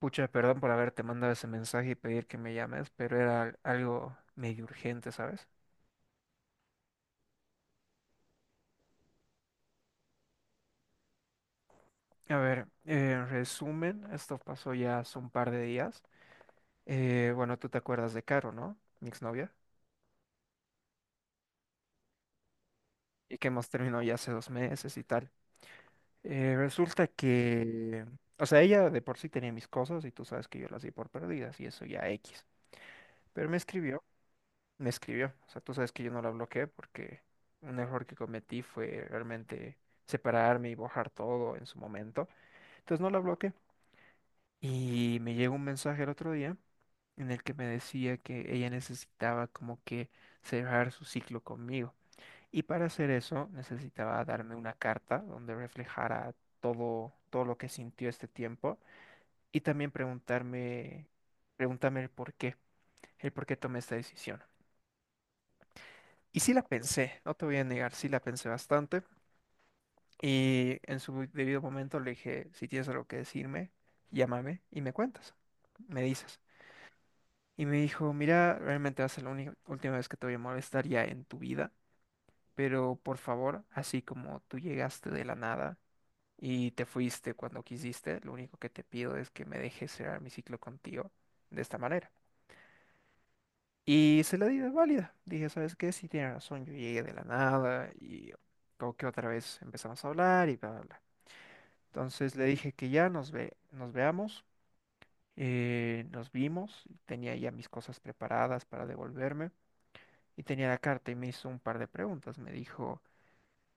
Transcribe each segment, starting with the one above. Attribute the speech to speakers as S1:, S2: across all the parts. S1: Pucha, perdón por haberte mandado ese mensaje y pedir que me llames, pero era algo medio urgente, ¿sabes? A ver, en resumen, esto pasó ya hace un par de días. Bueno, tú te acuerdas de Caro, ¿no? Mi exnovia. Y que hemos terminado ya hace dos meses y tal. Resulta que, o sea, ella de por sí tenía mis cosas y tú sabes que yo las di por perdidas y eso ya X. Pero me escribió. O sea, tú sabes que yo no la bloqueé porque un error que cometí fue realmente separarme y borrar todo en su momento. Entonces no la bloqueé. Y me llegó un mensaje el otro día en el que me decía que ella necesitaba como que cerrar su ciclo conmigo. Y para hacer eso necesitaba darme una carta donde reflejara todo, todo lo que sintió este tiempo y también preguntarme el por qué tomé esta decisión. Y sí la pensé, no te voy a negar, sí la pensé bastante. Y en su debido momento le dije, si tienes algo que decirme, llámame y me cuentas, me dices. Y me dijo, mira, realmente va a ser la última vez que te voy a molestar ya en tu vida, pero por favor, así como tú llegaste de la nada y te fuiste cuando quisiste, lo único que te pido es que me dejes cerrar mi ciclo contigo de esta manera. Y se la di de válida. Dije, ¿sabes qué? Sí, tiene razón, yo llegué de la nada y como que otra vez empezamos a hablar y bla, bla, bla. Entonces le dije que ya nos veamos, nos vimos, y tenía ya mis cosas preparadas para devolverme y tenía la carta y me hizo un par de preguntas. Me dijo,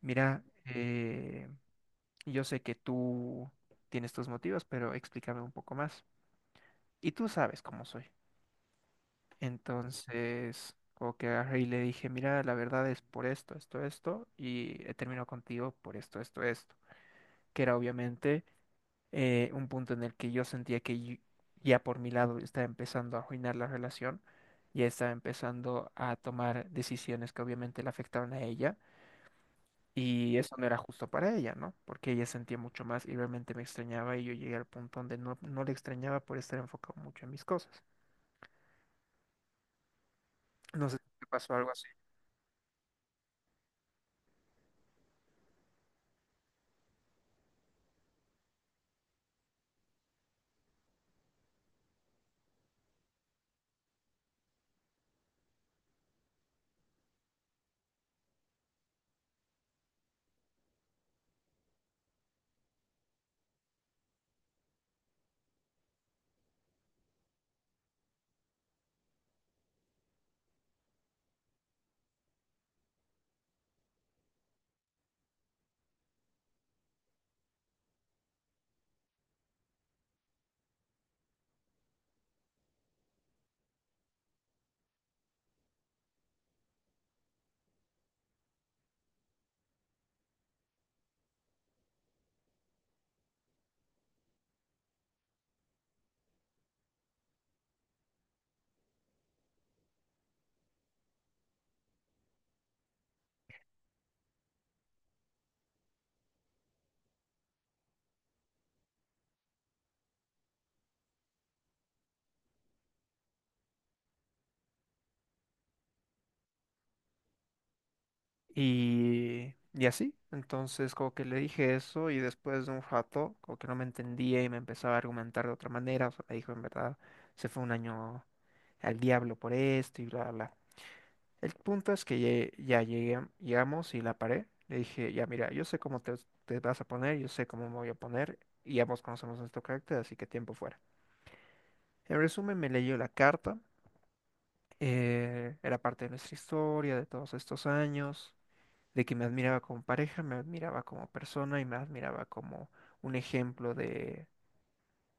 S1: mira, yo sé que tú tienes tus motivos, pero explícame un poco más. Y tú sabes cómo soy. Entonces, como que agarré y le dije, mira, la verdad es por esto, esto, esto, y he terminado contigo por esto, esto, esto, que era obviamente un punto en el que yo sentía que ya por mi lado estaba empezando a arruinar la relación, ya estaba empezando a tomar decisiones que obviamente le afectaban a ella, y eso no era justo para ella, ¿no? Porque ella sentía mucho más y realmente me extrañaba y yo llegué al punto donde no, no le extrañaba por estar enfocado mucho en mis cosas. No sé si te pasó algo. Y así, entonces como que le dije eso y después de un rato como que no me entendía y me empezaba a argumentar de otra manera, o sea, me dijo en verdad, se fue un año al diablo por esto y bla, bla. Bla". El punto es que llegué, llegamos y la paré, le dije, ya mira, yo sé cómo te vas a poner, yo sé cómo me voy a poner y ambos conocemos nuestro carácter, así que tiempo fuera. En resumen, me leyó la carta, era parte de nuestra historia de todos estos años de que me admiraba como pareja, me admiraba como persona y me admiraba como un ejemplo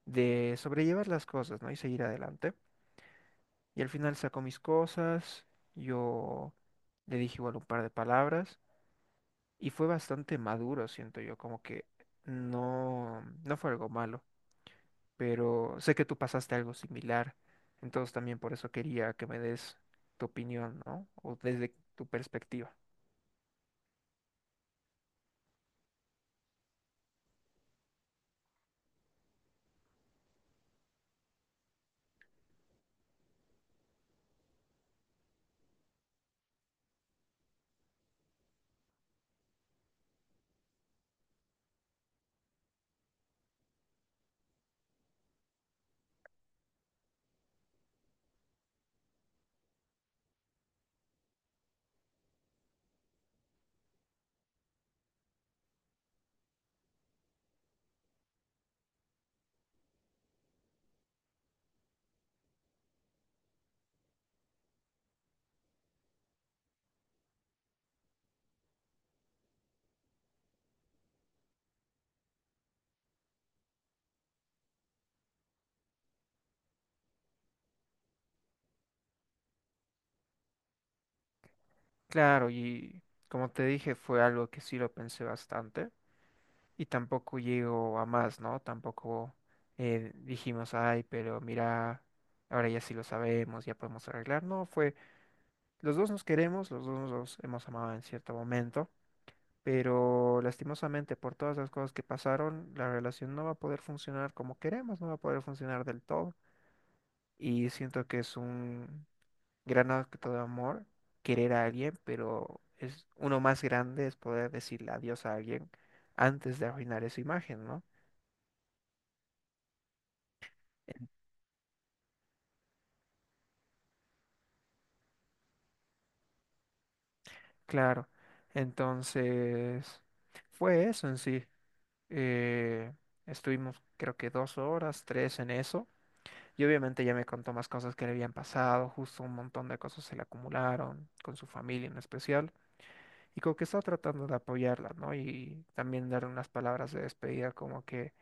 S1: de sobrellevar las cosas, ¿no? Y seguir adelante. Y al final sacó mis cosas, yo le dije igual un par de palabras y fue bastante maduro, siento yo, como que no, no fue algo malo, pero sé que tú pasaste algo similar, entonces también por eso quería que me des tu opinión, ¿no? O desde tu perspectiva. Claro, y como te dije, fue algo que sí lo pensé bastante y tampoco llegó a más, ¿no? Tampoco dijimos, ay, pero mira, ahora ya sí lo sabemos, ya podemos arreglar. No, fue, los dos nos queremos, los dos nos hemos amado en cierto momento, pero lastimosamente por todas las cosas que pasaron, la relación no va a poder funcionar como queremos, no va a poder funcionar del todo. Y siento que es un, gran acto de amor querer a alguien, pero es uno más grande es poder decirle adiós a alguien antes de arruinar esa imagen, ¿no? En- Claro. Entonces, fue eso en sí. Eh, Estuvimos creo que dos horas, tres en eso. Y obviamente ya me contó más cosas que le habían pasado, justo un montón de cosas se le acumularon, con su familia en especial. Y como que estaba tratando de apoyarla, ¿no? Y también darle unas palabras de despedida como que,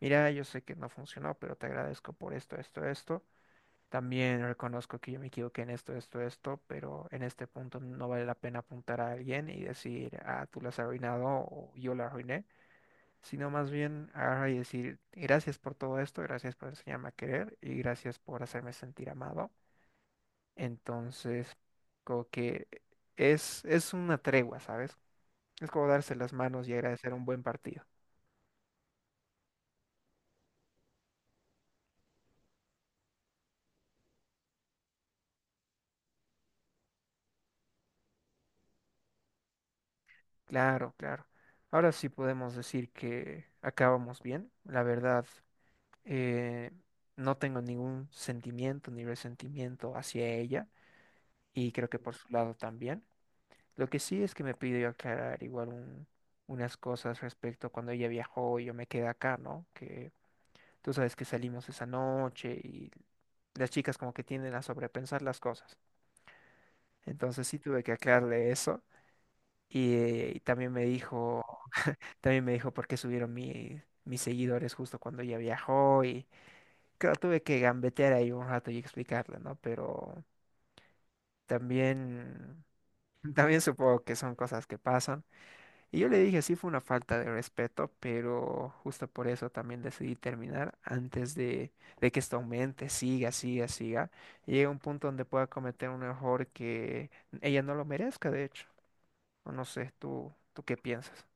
S1: mira, yo sé que no funcionó, pero te agradezco por esto, esto, esto. También reconozco que yo me equivoqué en esto, esto, esto, pero en este punto no vale la pena apuntar a alguien y decir, ah, tú la has arruinado o yo la arruiné, sino más bien agarrar y decir, gracias por todo esto, gracias por enseñarme a querer y gracias por hacerme sentir amado. Entonces, como que es una tregua, ¿sabes? Es como darse las manos y agradecer un buen partido. Claro, claro. Ahora sí podemos decir que acabamos bien. La verdad, eh, no tengo ningún sentimiento ni resentimiento hacia ella y creo que por su lado también. Lo que sí es que me pidió aclarar igual unas cosas respecto a cuando ella viajó y yo me quedé acá, ¿no? Que tú sabes que salimos esa noche y las chicas como que tienden a sobrepensar las cosas. Entonces sí tuve que aclararle eso. Y también me dijo por qué subieron mis seguidores justo cuando ella viajó. Y claro, tuve que gambetear ahí un rato y explicarle, ¿no? Pero también, también supongo que son cosas que pasan. Y yo le dije, sí fue una falta de respeto, pero justo por eso también decidí terminar antes de que esto aumente, siga, siga, siga. Y llegue a un punto donde pueda cometer un error que ella no lo merezca, de hecho. O no sé, ¿tú, tú qué piensas?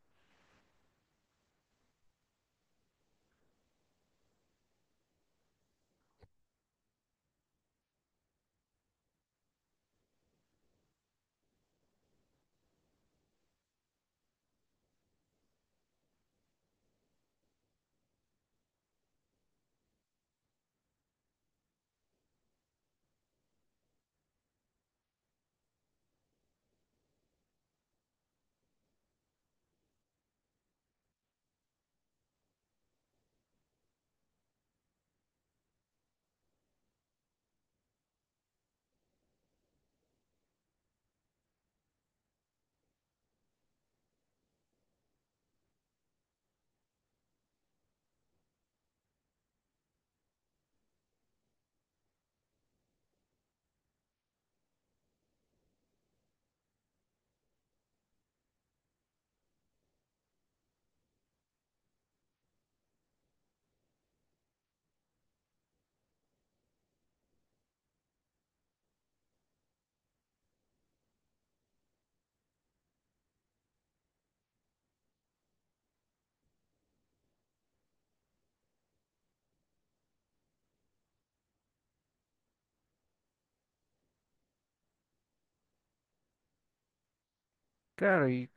S1: Claro, y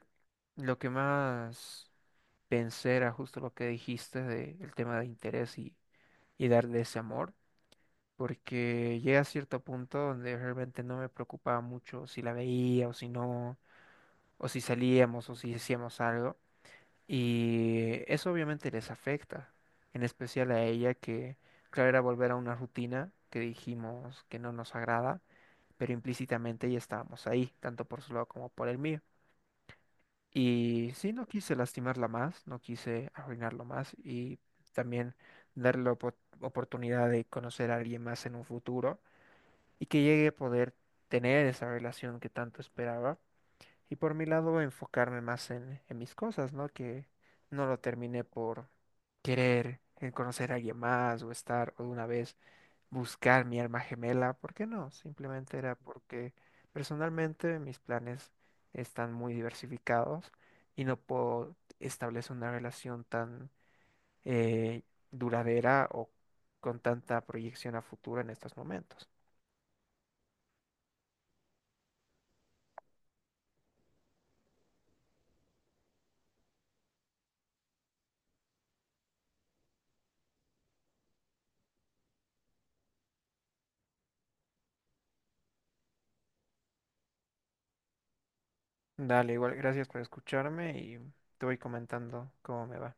S1: lo que más pensé era justo lo que dijiste de el tema de interés y darle ese amor. Porque llega a cierto punto donde realmente no me preocupaba mucho si la veía o si no o si salíamos o si hacíamos algo. Y eso obviamente les afecta, en especial a ella que, claro, era volver a una rutina que dijimos que no nos agrada, pero implícitamente ya estábamos ahí, tanto por su lado como por el mío. Y sí, no quise lastimarla más, no quise arruinarlo más y también darle la oportunidad de conocer a alguien más en un futuro y que llegue a poder tener esa relación que tanto esperaba. Y por mi lado, enfocarme más en mis cosas, ¿no? Que no lo terminé por querer conocer a alguien más o estar o de una vez buscar mi alma gemela. ¿Por qué no? Simplemente era porque personalmente mis planes están muy diversificados y no puedo establecer una relación tan eh, duradera o con tanta proyección a futuro en estos momentos. Dale, igual, gracias por escucharme y te voy comentando cómo me va.